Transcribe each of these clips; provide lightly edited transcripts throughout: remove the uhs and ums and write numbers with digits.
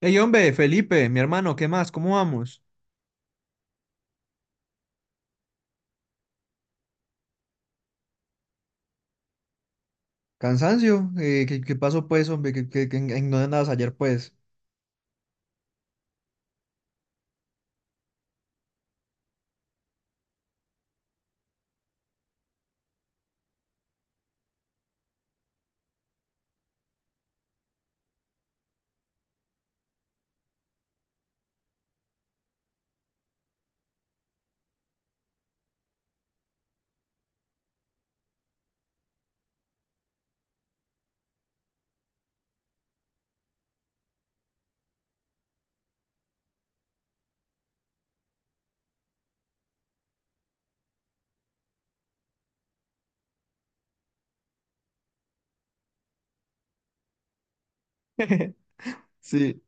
Hey, hombre, Felipe, mi hermano, ¿qué más? ¿Cómo vamos? Cansancio, ¿qué pasó pues, hombre? ¿En dónde andabas ayer pues? Sí.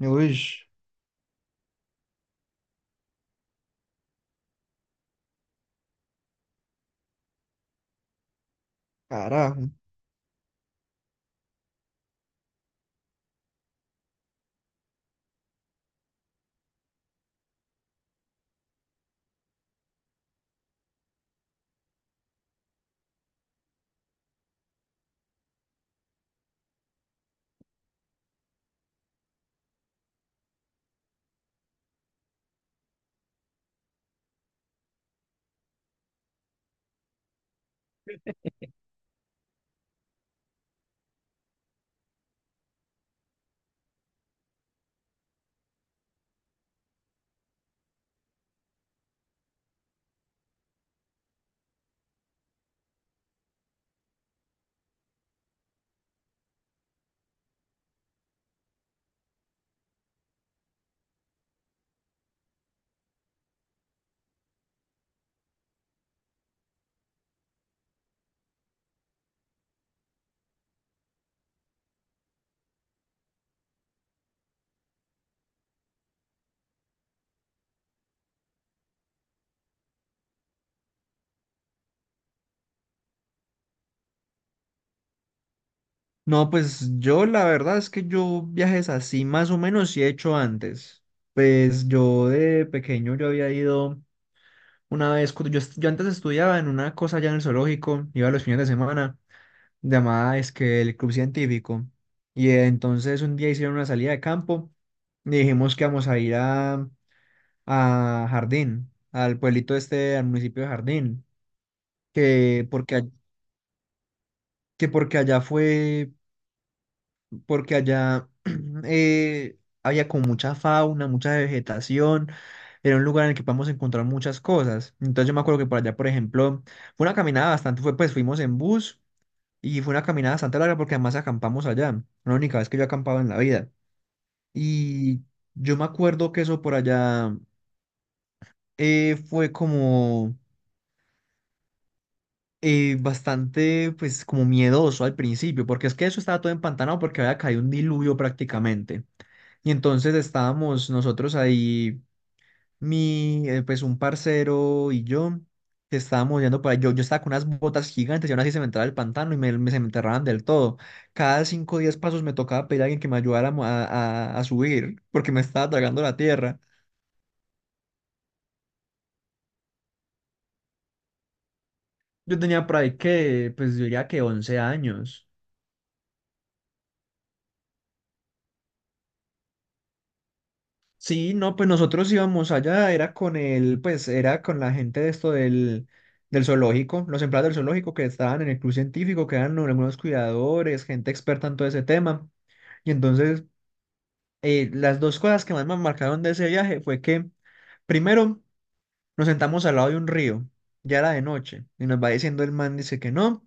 Uy, carajo. No, pues yo la verdad es que yo viajes así más o menos sí he hecho antes. Pues yo de pequeño yo había ido una vez, cuando yo antes estudiaba en una cosa allá en el zoológico, iba los fines de semana, llamada es que el club científico. Y entonces un día hicieron una salida de campo y dijimos que vamos a ir a Jardín, al pueblito este, al municipio de Jardín, que porque, a- que porque allá fue, porque allá eh, había como mucha fauna, mucha vegetación, era un lugar en el que podemos encontrar muchas cosas. Entonces yo me acuerdo que por allá, por ejemplo, fue una caminada bastante, fue, pues fuimos en bus y fue una caminada bastante larga porque además acampamos allá, fue la única vez que yo acampaba en la vida. Y yo me acuerdo que eso por allá fue como bastante, pues, como miedoso al principio, porque es que eso estaba todo empantanado porque había caído un diluvio prácticamente. Y entonces estábamos nosotros ahí, pues, un parcero y yo, que estábamos yendo yo estaba con unas botas gigantes y aún así se me entraba el pantano y se me enterraban del todo. Cada 5 o 10 pasos me tocaba pedir a alguien que me ayudara a, mo- a subir, porque me estaba tragando la tierra. Yo tenía por ahí que, pues, yo diría que 11 años. Sí, no, pues nosotros íbamos allá, era con la gente de esto del zoológico, los empleados del zoológico que estaban en el club científico, que eran algunos cuidadores, gente experta en todo ese tema. Y entonces, las dos cosas que más me marcaron de ese viaje fue que, primero, nos sentamos al lado de un río, ya era de noche, y nos va diciendo el man, dice que no,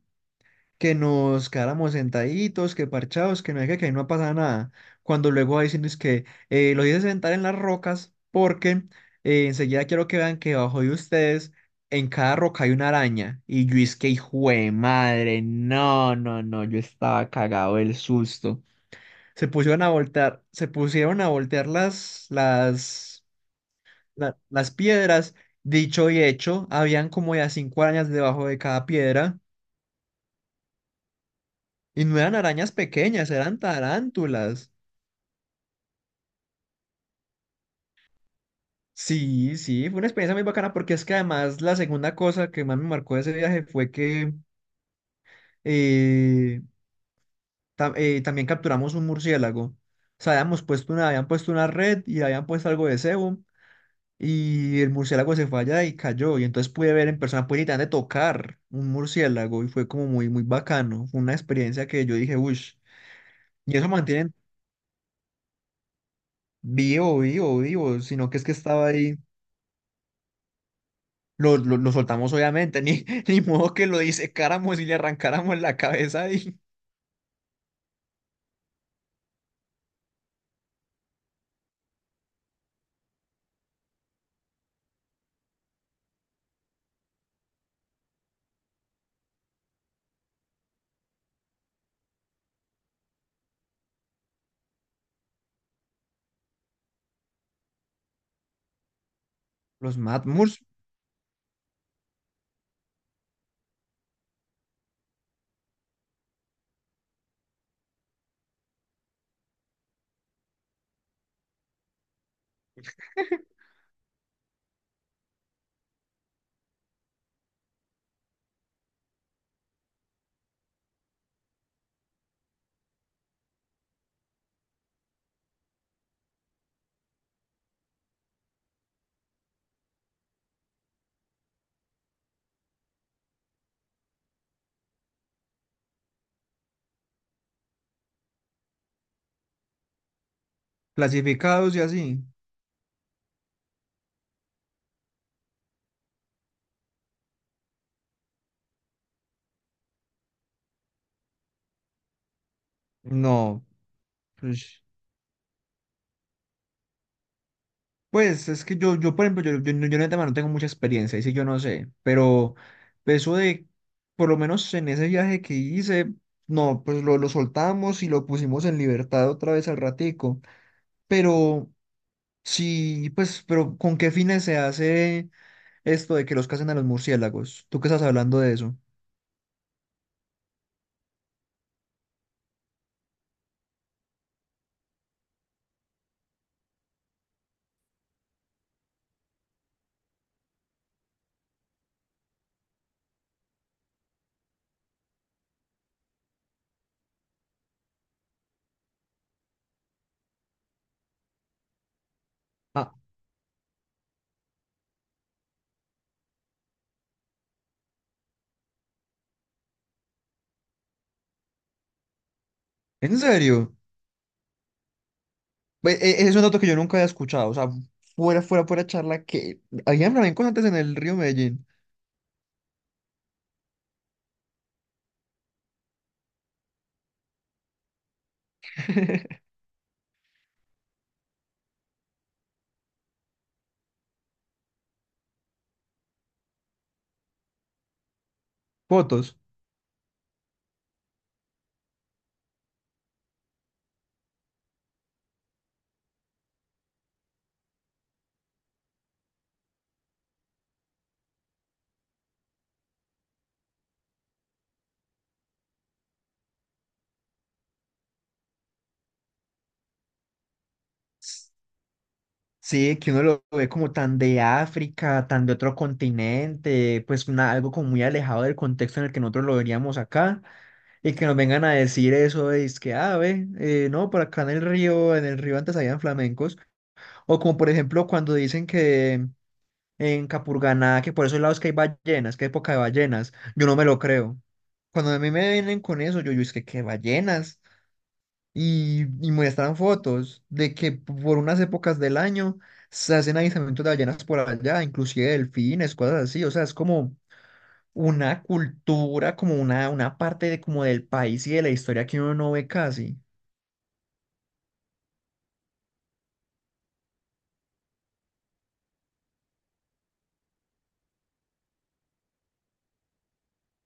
que nos quedáramos sentaditos, que parchados, que no hay que ahí no pasa nada. Cuando luego va diciendo, es que los hice sentar en las rocas porque enseguida quiero que vean que debajo de ustedes en cada roca hay una araña. Y yo es que hijo de madre, no, no, no, yo estaba cagado del susto. Se pusieron a voltear, se pusieron a voltear las piedras. Dicho y hecho, habían como ya cinco arañas debajo de cada piedra. Y no eran arañas pequeñas, eran tarántulas. Sí, sí, fue una experiencia muy bacana porque es que además la segunda cosa que más me marcó de ese viaje fue que eh, también capturamos un murciélago. O sea, habían puesto una red y habían puesto algo de cebo y el murciélago se fue allá y cayó. Y entonces pude ver en persona, pude literalmente tocar un murciélago y fue como muy, muy bacano. Fue una experiencia que yo dije, uff, y eso mantienen vivo, vivo, vivo, sino que es que estaba ahí. Lo soltamos obviamente, ni, ni modo que lo disecáramos y le arrancáramos la cabeza y los Mad clasificados y así. No, pues, es que yo por ejemplo, yo en el tema no tengo mucha experiencia, y sí, yo no sé, pero eso de, por lo menos en ese viaje que hice, no, pues lo soltamos y lo pusimos en libertad otra vez al ratico, pero sí, pues, pero ¿con qué fines se hace esto de que los casen a los murciélagos? ¿Tú qué estás hablando de eso? ¿En serio? Ve, es un dato que yo nunca había escuchado. O sea, fuera charla que había flamencos antes en el río Medellín. Fotos. Sí, que uno lo ve como tan de África, tan de otro continente, pues algo como muy alejado del contexto en el que nosotros lo veríamos acá, y que nos vengan a decir eso, es que, ah, ve, no, por acá en el río antes habían flamencos, o como por ejemplo cuando dicen que en Capurganá, que por esos lados que hay ballenas, que hay época de ballenas. Yo no me lo creo. Cuando a mí me vienen con eso, yo es que qué ballenas. Y muestran fotos de que por unas épocas del año se hacen avistamientos de ballenas por allá, inclusive delfines, cosas así. O sea, es como una cultura, como una parte de, como del país y de la historia que uno no ve casi.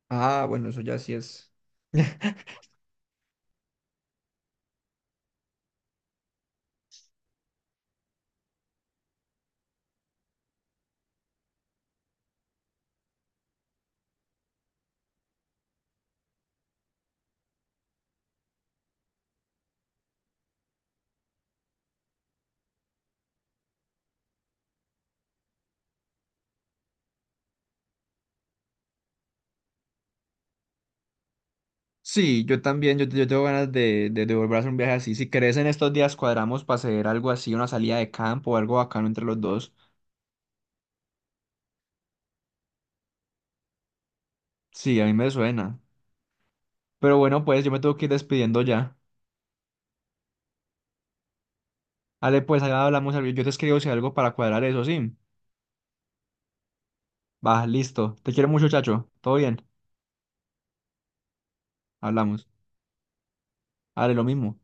Ah, bueno, eso ya sí es. Sí, yo también, yo tengo ganas de volver a hacer un viaje así. Si querés, en estos días cuadramos para hacer algo así, una salida de campo o algo bacano entre los dos. Sí, a mí me suena. Pero bueno, pues yo me tengo que ir despidiendo ya. Ale, pues allá hablamos, yo te escribo si hay algo para cuadrar eso, sí. Va, listo. Te quiero mucho, chacho. Todo bien, hablamos. Ale, lo mismo.